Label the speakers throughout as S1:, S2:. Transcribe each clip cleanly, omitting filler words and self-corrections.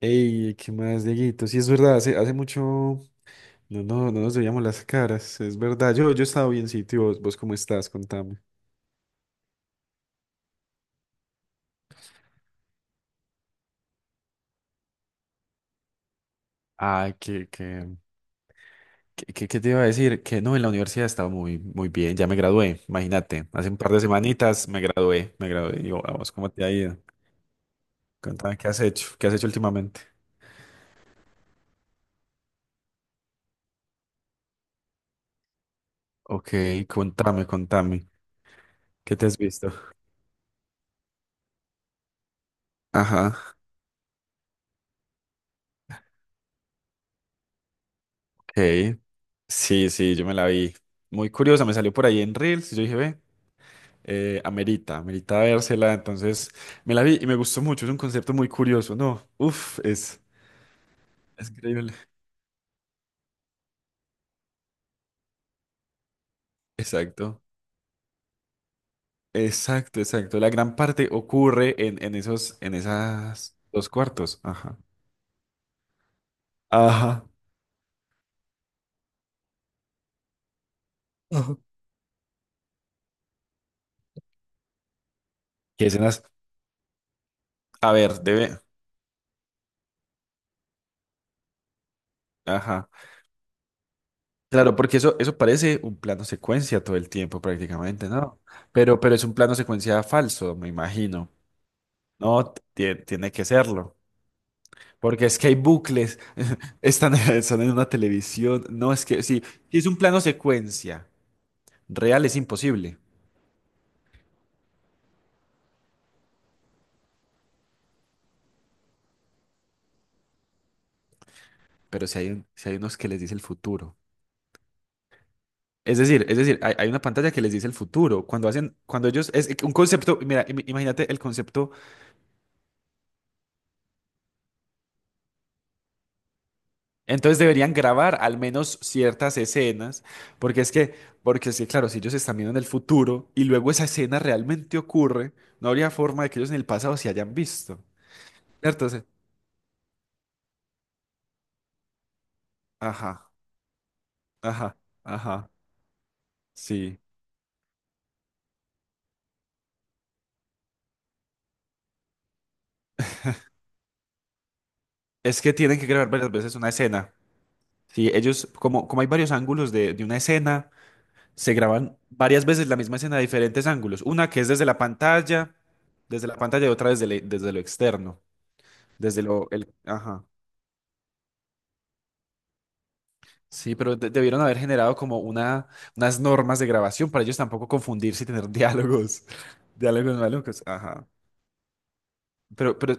S1: Ey, ¿qué más, Dieguito? Sí, es verdad, hace mucho no nos veíamos las caras, es verdad. Yo he estado bien, sí, tío. ¿Vos cómo estás? Contame. Ah, que te iba a decir que no, en la universidad estaba muy, muy bien, ya me gradué, imagínate, hace un par de semanitas me gradué, y yo, "Ah, vos, ¿cómo te ha ido? Contame, ¿qué has hecho? ¿Qué has hecho últimamente? Ok, contame, contame, ¿qué te has visto? Ajá, ok, sí, sí, yo me la vi, muy curiosa, me salió por ahí en Reels, y yo dije, ve. Amerita vérsela, entonces me la vi y me gustó mucho, es un concepto muy curioso, ¿no? Uf, es increíble. Exacto, exacto, exacto. La gran parte ocurre en esas dos cuartos. Ajá. Ajá. Ajá. ¿Qué escenas? A ver, debe. Ajá. Claro, porque eso parece un plano secuencia todo el tiempo prácticamente, ¿no? Pero es un plano secuencia falso, me imagino. No, tiene que serlo. Porque es que hay bucles, están en una televisión. No, es que sí, si es un plano secuencia real es imposible, pero si hay unos que les dice el futuro. Es decir, hay una pantalla que les dice el futuro. Cuando hacen, cuando ellos, Es un concepto, mira, imagínate el concepto. Entonces deberían grabar al menos ciertas escenas, porque es que, porque es que, claro, si ellos están viendo en el futuro y luego esa escena realmente ocurre, no habría forma de que ellos en el pasado se hayan visto. ¿Cierto? Entonces, ajá, ajá. Ajá. Sí, es que tienen que grabar varias veces una escena. Sí, ellos, como hay varios ángulos de una escena, se graban varias veces la misma escena de diferentes ángulos. Una que es desde la pantalla y otra desde lo externo, desde lo, el, ajá. Sí, pero debieron haber generado como unas normas de grabación para ellos tampoco confundirse y tener diálogos, diálogos malucos, ajá. Pero,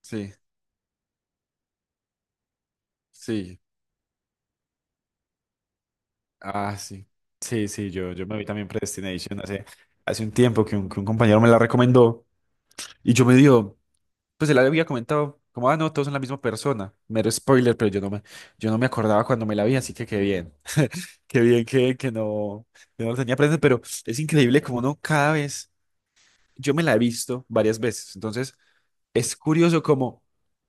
S1: sí, sí. Ah, sí. Sí, sí, yo me vi también Predestination hace un tiempo que un compañero me la recomendó y yo me dio, pues él había comentado, como, ah, no, todos son la misma persona, mero spoiler, pero yo no me acordaba cuando me la vi, así que qué bien que no lo tenía presente, pero es increíble como no cada vez, yo me la he visto varias veces, entonces es curioso como,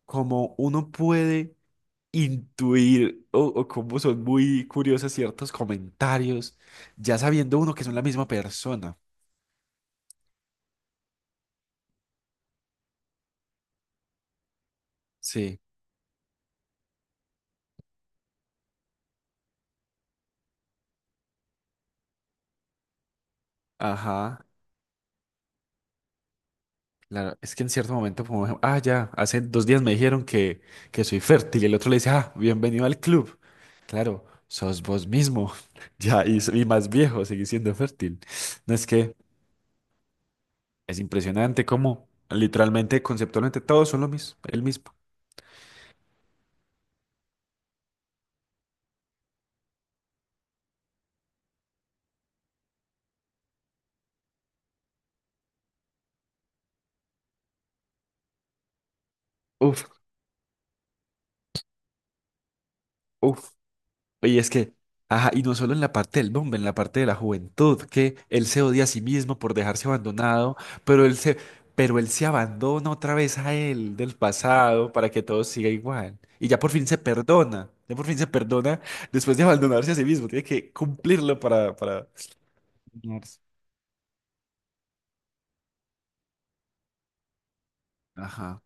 S1: como uno puede intuir o cómo son muy curiosos ciertos comentarios, ya sabiendo uno que son la misma persona. Sí, ajá. Claro, es que en cierto momento, como, ah, ya, hace dos días me dijeron que soy fértil y el otro le dice, ah, bienvenido al club. Claro, sos vos mismo. Ya, y más viejo, seguís siendo fértil. No es que es impresionante cómo literalmente, conceptualmente, todos son lo mismo, el mismo. Uf, uf. Y es que, ajá, y no solo en la parte del hombre, en la parte de la juventud, que él se odia a sí mismo por dejarse abandonado, pero él se, pero él se abandona otra vez a él del pasado para que todo siga igual. Y ya por fin se perdona, ya por fin se perdona después de abandonarse a sí mismo, tiene que cumplirlo para. Señores. Ajá,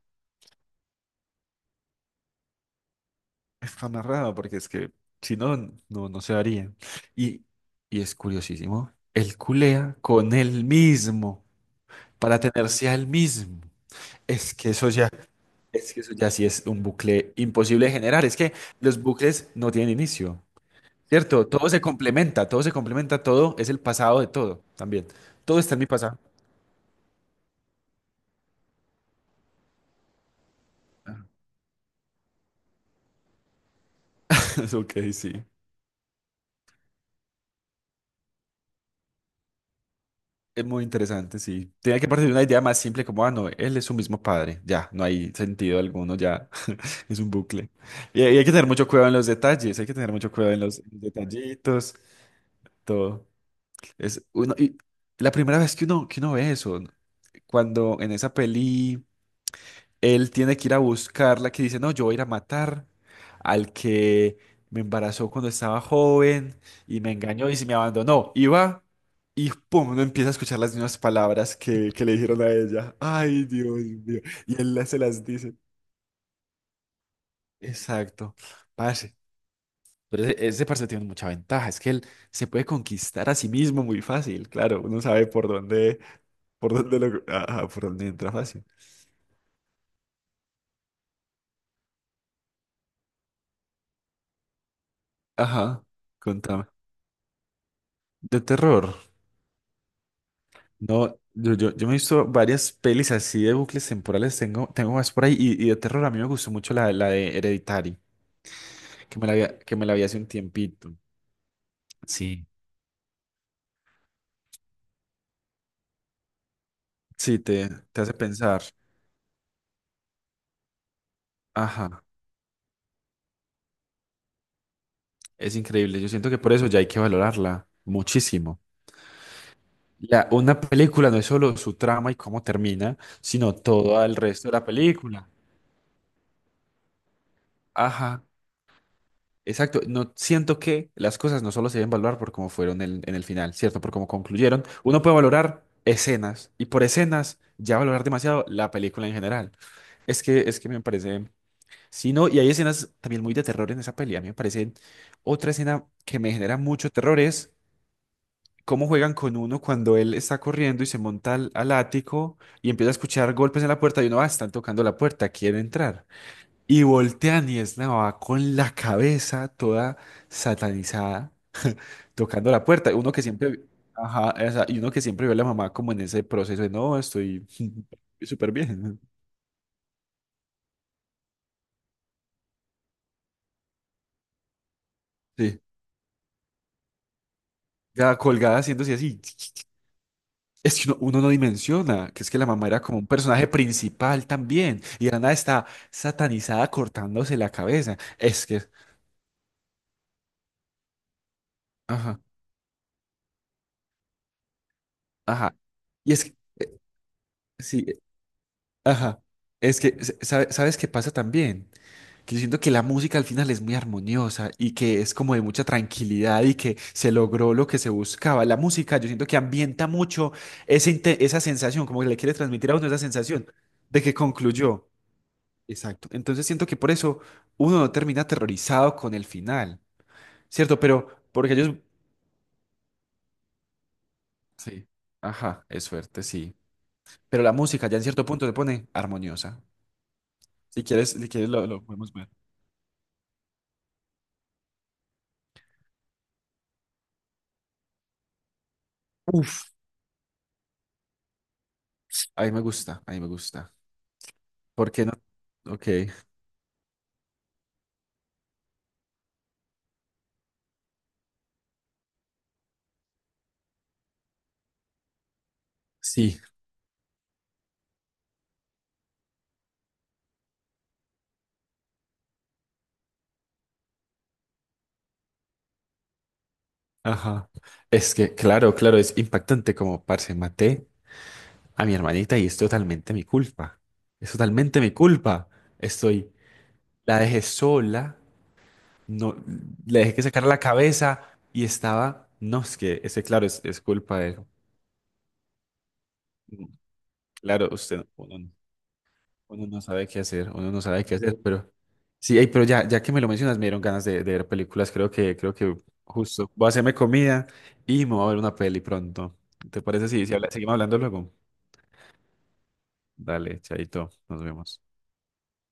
S1: está narrado porque es que si no, no se daría. Y, y es curiosísimo, él culea con él mismo para tenerse a él mismo. Es que eso ya, es que eso ya sí es un bucle imposible de generar. Es que los bucles no tienen inicio, ¿cierto? Todo se complementa, todo se complementa, todo es el pasado de todo también. Todo está en mi pasado. Es Ok, sí. Es muy interesante, sí. Tenía que partir de una idea más simple como, ah, no, él es su mismo padre. Ya, no hay sentido alguno, ya. Es un bucle. Y hay que tener mucho cuidado en los detalles, hay que tener mucho cuidado en los detallitos, todo. Es uno, y la primera vez que uno ve eso, cuando en esa peli. Él tiene que ir a buscarla, que dice, no, yo voy a ir a matar al que me embarazó cuando estaba joven y me engañó y se me abandonó. Y va y pum, uno empieza a escuchar las mismas palabras que le dijeron a ella. Ay, Dios mío. Y él se las dice. Exacto. Parce. Pero ese parce tiene mucha ventaja. Es que él se puede conquistar a sí mismo muy fácil. Claro, uno sabe por dónde, ajá, por dónde entra fácil. Ajá, contame. De terror. No, yo me he visto varias pelis así de bucles temporales, tengo más por ahí, y de terror a mí me gustó mucho la de Hereditary, que me la vi hace un tiempito. Sí. Sí, te hace pensar, ajá, es increíble, yo siento que por eso ya hay que valorarla muchísimo. Una película no es solo su trama y cómo termina, sino todo el resto de la película. Ajá. Exacto, no siento que las cosas no solo se deben valorar por cómo fueron en el final, ¿cierto? Por cómo concluyeron. Uno puede valorar escenas y por escenas ya valorar demasiado la película en general. Es que me parece, sí, no, y hay escenas también muy de terror en esa peli. A mí me parece otra escena que me genera mucho terror es cómo juegan con uno cuando él está corriendo y se monta al ático y empieza a escuchar golpes en la puerta y uno, ah, están tocando la puerta, quiere entrar. Y voltean y es Nava con la cabeza toda satanizada, tocando la puerta. Uno que siempre, ajá, y uno que siempre vio a la mamá como en ese proceso de no, estoy súper bien. Sí, ya colgada haciéndose así. Es que uno no dimensiona, que es que la mamá era como un personaje principal también. Y de la nada está satanizada cortándose la cabeza. Es que, ajá, ajá. Y es que, sí, ajá. Es que, ¿sabes qué pasa también? Que yo siento que la música al final es muy armoniosa y que es como de mucha tranquilidad y que se logró lo que se buscaba. La música, yo siento que ambienta mucho esa sensación, como que le quiere transmitir a uno esa sensación de que concluyó. Exacto. Entonces siento que por eso uno no termina aterrorizado con el final, ¿cierto? Pero porque ellos... Sí. Ajá, es suerte, sí. Pero la música ya en cierto punto se pone armoniosa. Si quieres lo podemos ver. Uf, a mí me gusta, a mí me gusta. ¿Por qué no? Ok. Sí. Ajá. Es que, claro, claro, es impactante como, parce, maté a mi hermanita y es totalmente mi culpa. Es totalmente mi culpa. Estoy, la dejé sola, no, le dejé que sacara la cabeza y estaba, no, es que, ese, claro, es culpa de él. Claro, usted, uno no sabe qué hacer, uno no sabe qué hacer, pero sí, ey, pero ya que me lo mencionas, me dieron ganas de ver películas. Creo que justo voy a hacerme comida y me voy a ver una peli pronto. ¿Te parece si seguimos hablando luego? Dale, chaito, nos vemos.